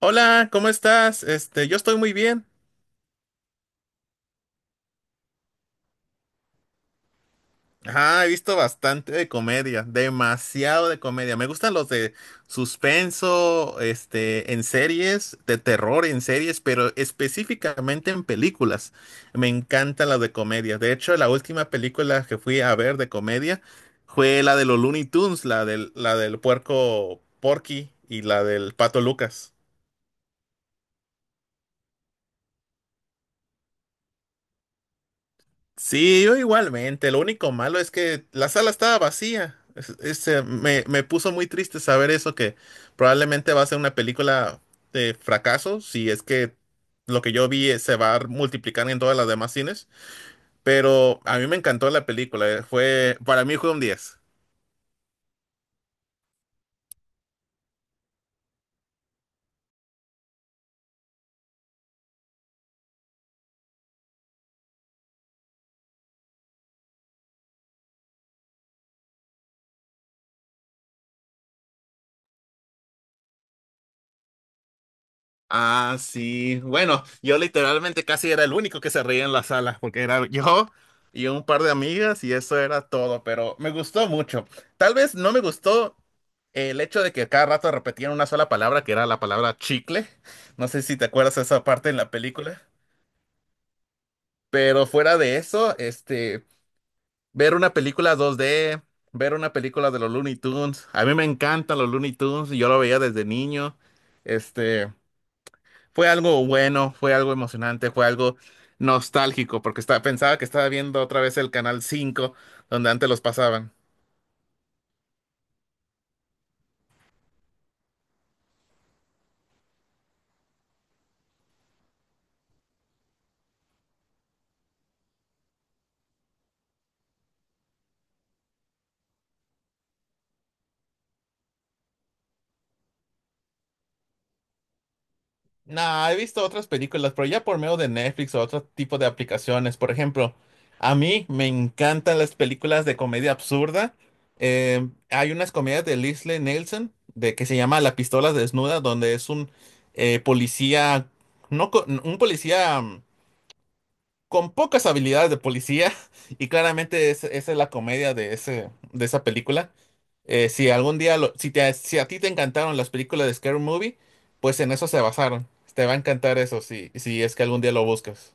Hola, ¿cómo estás? Yo estoy muy bien. Ajá, he visto bastante de comedia, demasiado de comedia. Me gustan los de suspenso, en series, de terror en series, pero específicamente en películas. Me encantan las de comedia. De hecho, la última película que fui a ver de comedia fue la de los Looney Tunes, la del puerco Porky y la del pato Lucas. Sí, yo igualmente. Lo único malo es que la sala estaba vacía. Me puso muy triste saber eso, que probablemente va a ser una película de fracaso, si es que lo que yo vi se va a multiplicar en todas las demás cines. Pero a mí me encantó la película. Para mí fue un 10. Ah, sí. Bueno, yo literalmente casi era el único que se reía en la sala, porque era yo y un par de amigas y eso era todo, pero me gustó mucho. Tal vez no me gustó el hecho de que cada rato repetían una sola palabra, que era la palabra chicle. No sé si te acuerdas de esa parte en la película, pero fuera de eso, ver una película dos d ver una película de los Looney Tunes, a mí me encantan los Looney Tunes, yo lo veía desde niño. Este, Fue algo bueno, fue algo emocionante, fue algo nostálgico, porque pensaba que estaba viendo otra vez el Canal 5 donde antes los pasaban. Nah, he visto otras películas, pero ya por medio de Netflix o otro tipo de aplicaciones. Por ejemplo, a mí me encantan las películas de comedia absurda. Hay unas comedias de Leslie Nielsen que se llama La pistola desnuda, donde es un policía, no, un policía con pocas habilidades de policía y claramente esa es la comedia de esa película. Si algún día, lo- si te, si a ti te encantaron las películas de Scary Movie, pues en eso se basaron. Te va a encantar eso si es que algún día lo buscas.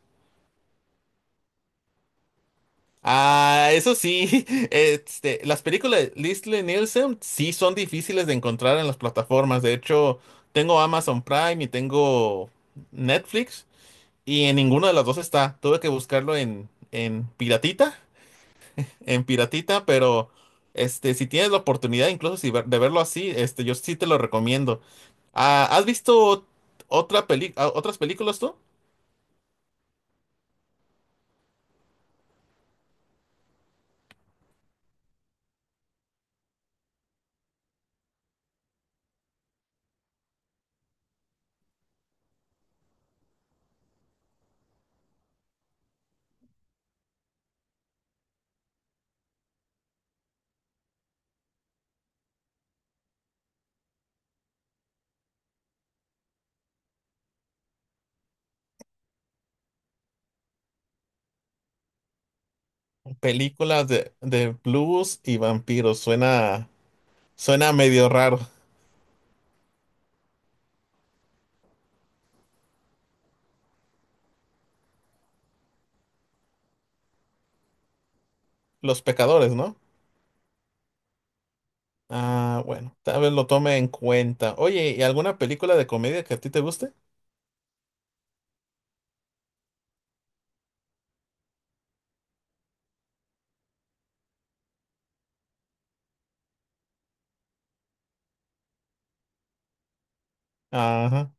Ah, eso sí, las películas de Leslie Nielsen sí son difíciles de encontrar en las plataformas. De hecho, tengo Amazon Prime y tengo Netflix y en ninguna de las dos está. Tuve que buscarlo en Piratita, pero si tienes la oportunidad, incluso si ver- de verlo así, yo sí te lo recomiendo. Ah, ¿has visto otras películas tú? Películas de blues y vampiros. Suena medio raro. Los pecadores, ¿no? Ah, bueno, tal vez lo tome en cuenta. Oye, ¿y alguna película de comedia que a ti te guste? Ajá.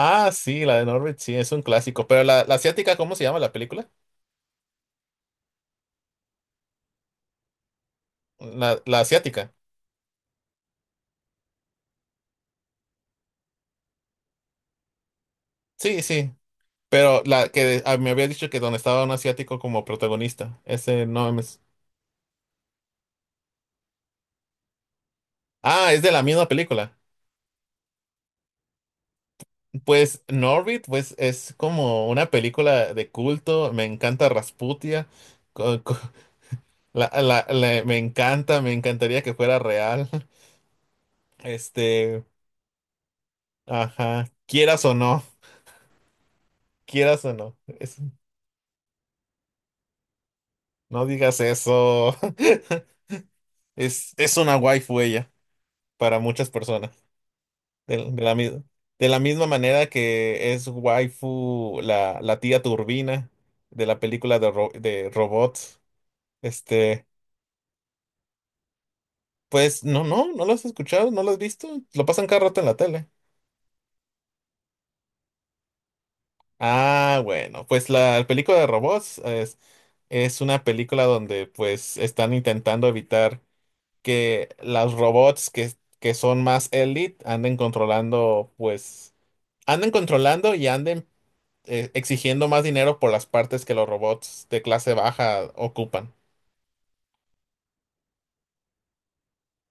Ah, sí, la de Norbert, sí, es un clásico. Pero la asiática, ¿cómo se llama la película? La asiática. Sí, sí. Pero la que me había dicho que donde estaba un asiático como protagonista. Ese no me. Ah, es de la misma película. Pues Norbit, pues es como una película de culto. Me encanta Rasputia. co- co- me encantaría que fuera real. Este, ajá, quieras o no, quieras o no. No digas eso. Es una waifu ella para muchas personas. De, de la, mi- de la misma manera que es waifu la tía Turbina de la película de robots. Este, pues no, no, no lo has escuchado, no lo has visto. Lo pasan cada rato en la tele. Ah, bueno, pues la película de robots es una película donde pues están intentando evitar que los robots que son más elite anden controlando y anden exigiendo más dinero por las partes que los robots de clase baja ocupan.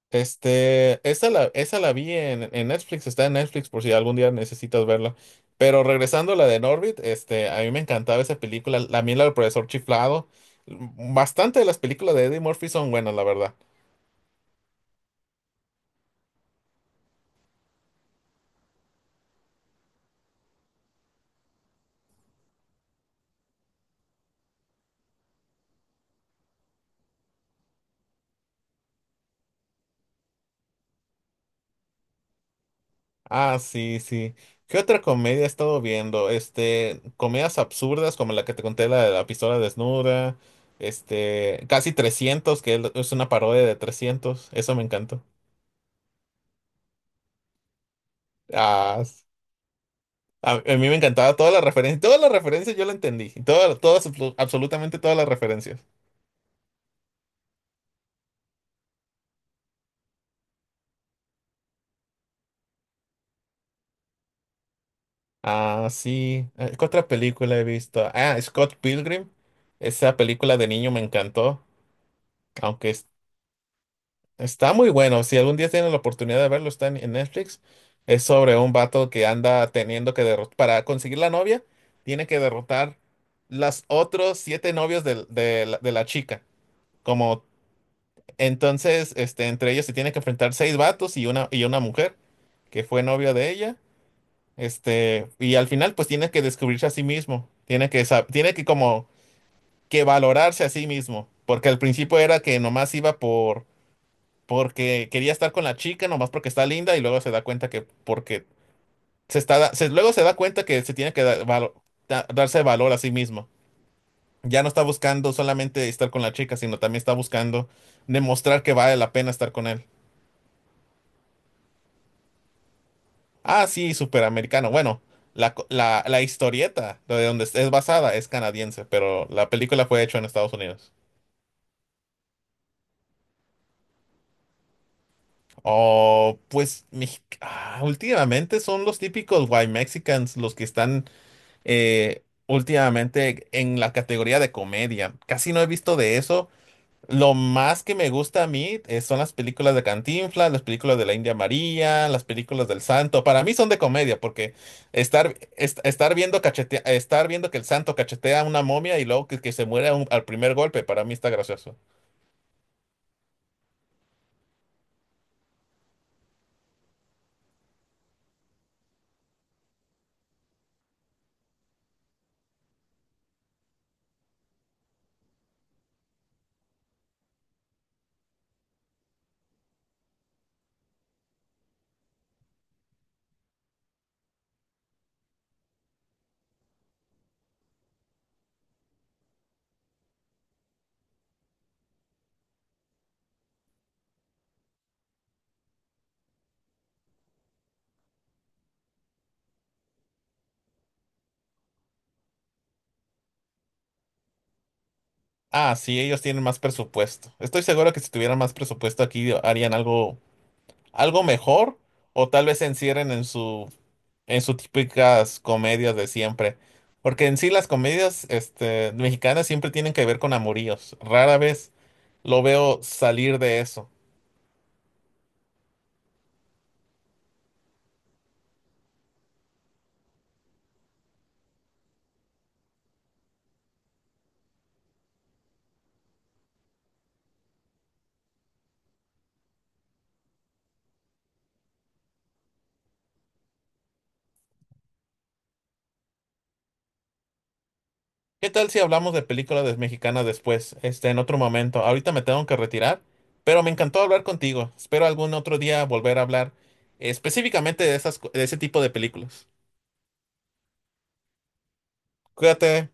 Esa la vi en Netflix, está en Netflix por si algún día necesitas verla. Pero regresando a la de Norbit, a mí me encantaba esa película, la del profesor chiflado. Bastante de las películas de Eddie Murphy son buenas, la verdad. Ah, sí, sí. ¿Qué otra comedia he estado viendo? Comedias absurdas como la que te conté, la de la pistola desnuda, casi 300 que es una parodia de 300. Eso me encantó. Ah, s- a mí me encantaba todas las referencias yo la entendí, todas, todas, absolutamente todas las referencias. Ah, sí, ¿qué otra película he visto? Ah, Scott Pilgrim, esa película de niño me encantó, aunque Está muy bueno. Si algún día tienen la oportunidad de verlo, está en Netflix. Es sobre un vato que anda teniendo que derrotar. Para conseguir la novia, tiene que derrotar las otros siete novios de la chica. Como entonces, este, entre ellos se tiene que enfrentar seis vatos y una mujer que fue novia de ella. Y al final, pues tiene que descubrirse a sí mismo. Tiene que como que valorarse a sí mismo. Porque al principio era que nomás iba porque quería estar con la chica nomás porque está linda y luego se da cuenta que porque se está luego se da cuenta que se tiene que dar darse valor a sí mismo. Ya no está buscando solamente estar con la chica, sino también está buscando demostrar que vale la pena estar con él. Ah, sí, superamericano. Bueno, la historieta de donde es basada es canadiense, pero la película fue hecha en Estados Unidos. Oh, pues últimamente son los típicos white Mexicans los que están últimamente en la categoría de comedia. Casi no he visto de eso. Lo más que me gusta a mí son las películas de Cantinflas, las películas de la India María, las películas del Santo. Para mí son de comedia porque estar viendo que el Santo cachetea a una momia y luego que se muere al primer golpe, para mí está gracioso. Ah, sí, ellos tienen más presupuesto. Estoy seguro que si tuvieran más presupuesto aquí harían algo, algo mejor o tal vez se encierren en sus típicas comedias de siempre. Porque en sí las comedias mexicanas siempre tienen que ver con amoríos. Rara vez lo veo salir de eso. ¿Qué tal si hablamos de películas mexicanas después, en otro momento? Ahorita me tengo que retirar, pero me encantó hablar contigo. Espero algún otro día volver a hablar específicamente de ese tipo de películas. Cuídate.